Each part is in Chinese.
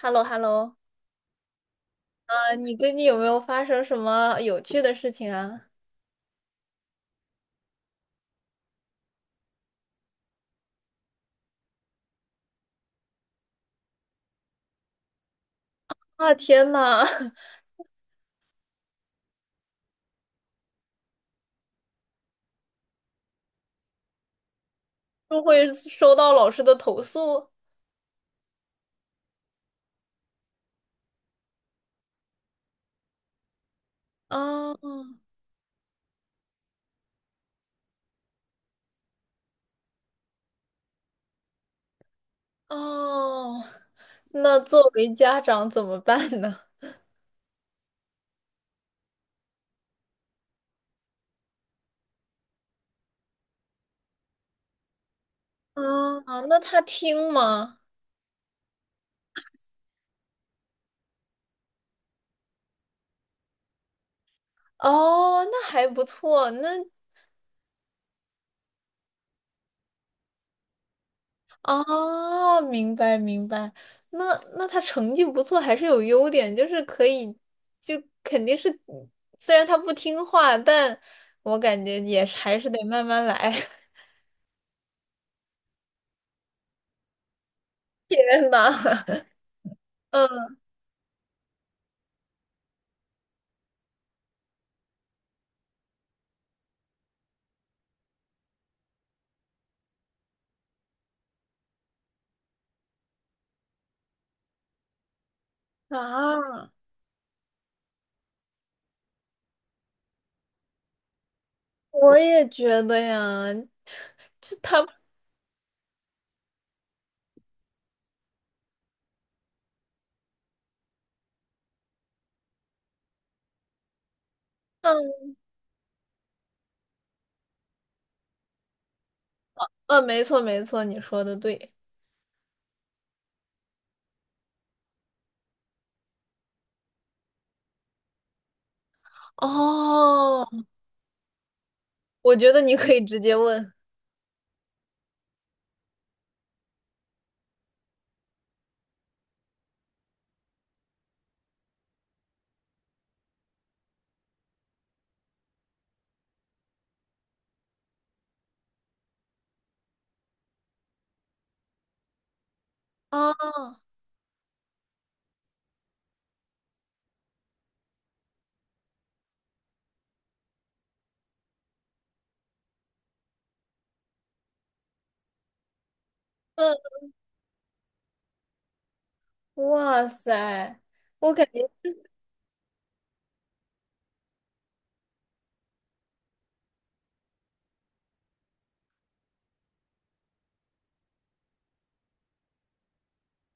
h e l l o h e l l o。 啊，你最近有没有发生什么有趣的事情啊？啊，天呐，都会收到老师的投诉啊。哦，那作为家长怎么办呢？啊，那他听吗？哦，那还不错，那哦，明白明白。那那他成绩不错，还是有优点，就是可以，就肯定是，虽然他不听话，但我感觉也是还是得慢慢来。天呐，嗯，啊，我也觉得呀，就他，嗯嗯，没错没错，你说的对。哦，我觉得你可以直接问。啊，嗯，哇塞，我感觉，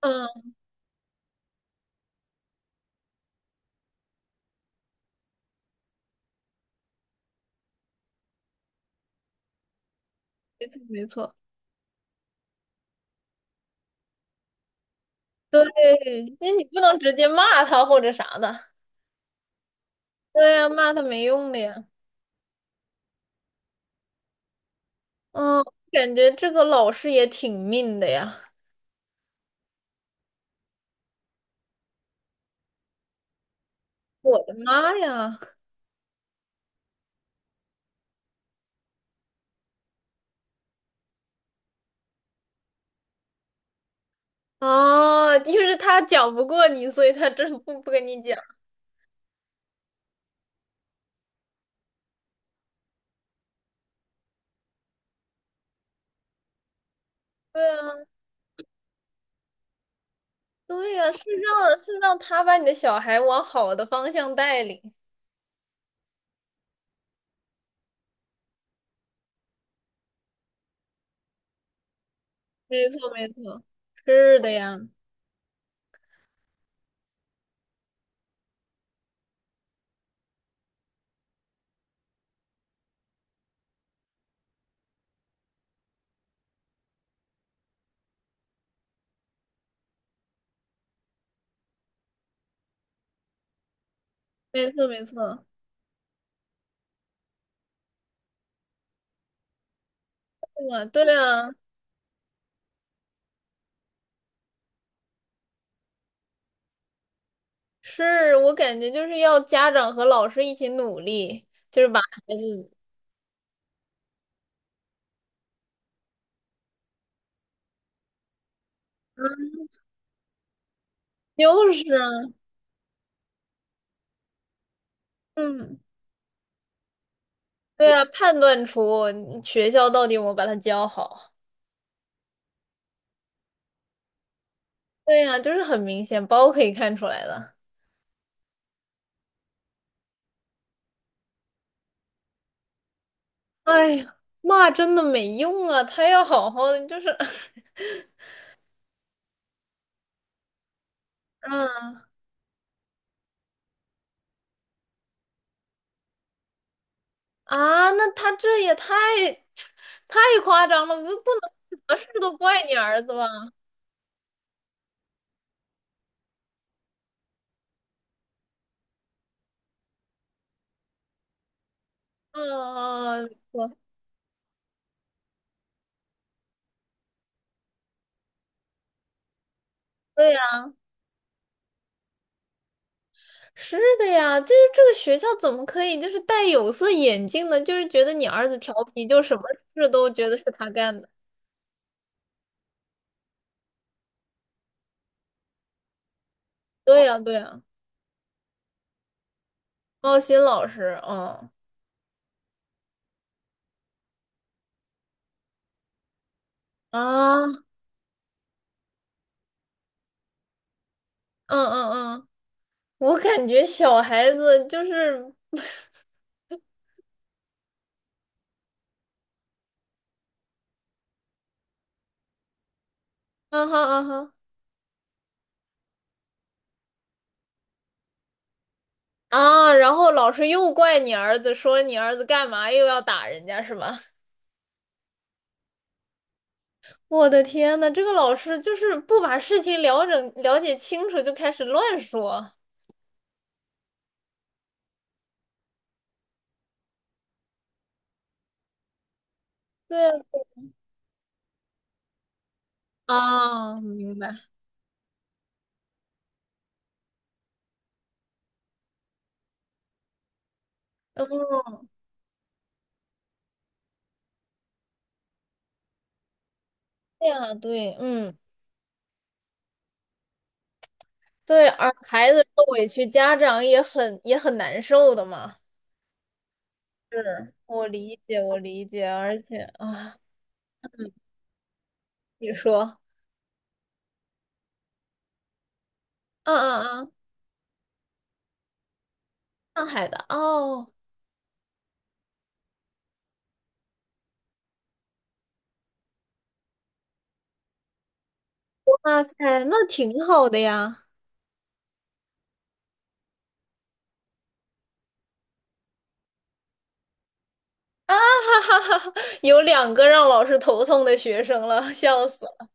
嗯，没错。对，那你不能直接骂他或者啥的。对呀，骂他没用的呀。嗯，感觉这个老师也挺命的呀。我的妈呀！啊，就是他讲不过你，所以他真不跟你讲。对啊，对呀，是让他把你的小孩往好的方向带领。没错，没错，是的呀，没错，没错，对啊，对啊，是我感觉就是要家长和老师一起努力，就是把孩子，嗯就是啊。嗯，对呀，判断出你学校到底有没有把他教好。对呀，就是很明显，包可以看出来的。哎呀，骂真的没用啊，他要好好的，就是，嗯啊，那他这也太太夸张了，不能什么事都怪你儿子吧？嗯嗯，我对呀，是的呀，就是这个学校怎么可以就是戴有色眼镜呢？就是觉得你儿子调皮，就什么事都觉得是他干的。对呀，对呀。奥新老师，嗯啊，嗯嗯嗯，我感觉小孩子就是，嗯哼嗯哼啊，然后老师又怪你儿子，说你儿子干嘛又要打人家是吧？我的天呐，这个老师就是不把事情了解清楚就开始乱说。对啊，啊明白。哦，这样啊，对，嗯，对，而孩子受委屈，家长也很难受的嘛。是我理解，我理解，而且啊，你说，嗯嗯嗯，上海的哦，哇塞，那挺好的呀！啊哈哈哈，有两个让老师头痛的学生了，笑死了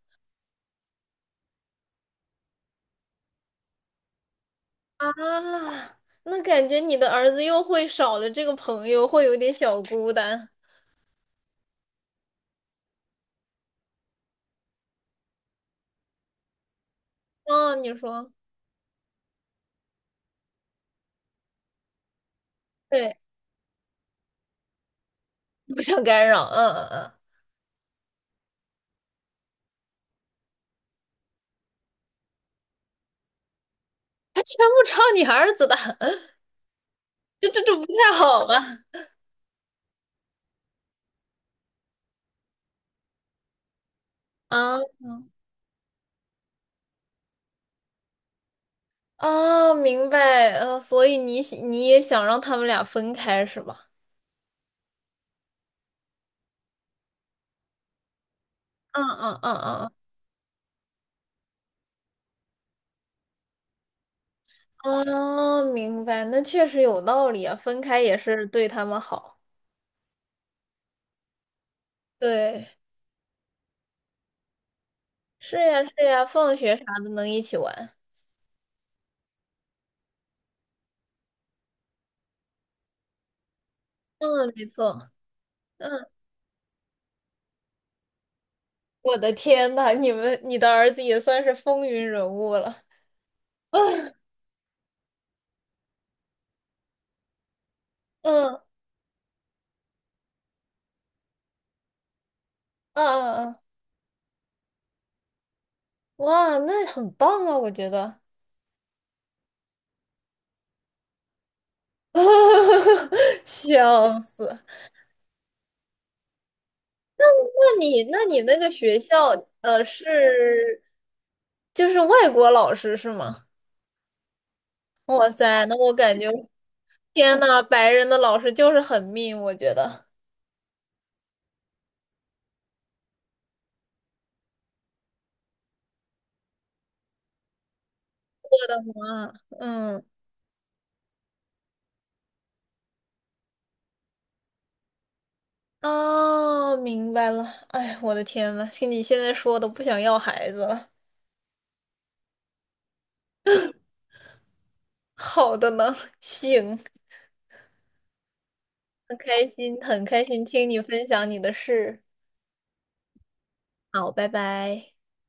啊！那感觉你的儿子又会少了这个朋友，会有点小孤单。哦，你说，对，不想干扰，嗯嗯嗯，他全部抄你儿子的，这不太好吧？啊哦，明白，呃，所以你也想让他们俩分开是吧？嗯嗯嗯嗯哦，明白，那确实有道理啊，分开也是对他们好。对，是呀，是呀，放学啥的能一起玩。嗯，没错。嗯，我的天呐，你的儿子也算是风云人物了。嗯嗯嗯嗯，哇，那很棒啊，我觉得。笑死！那你那个学校，呃，是就是外国老师是吗？哇塞，那我感觉天呐，白人的老师就是很命，我觉得。哇，嗯，哦，明白了。哎，我的天呐，听你现在说的，不想要孩子了。好的呢，行，很开心，很开心听你分享你的事。好，拜拜。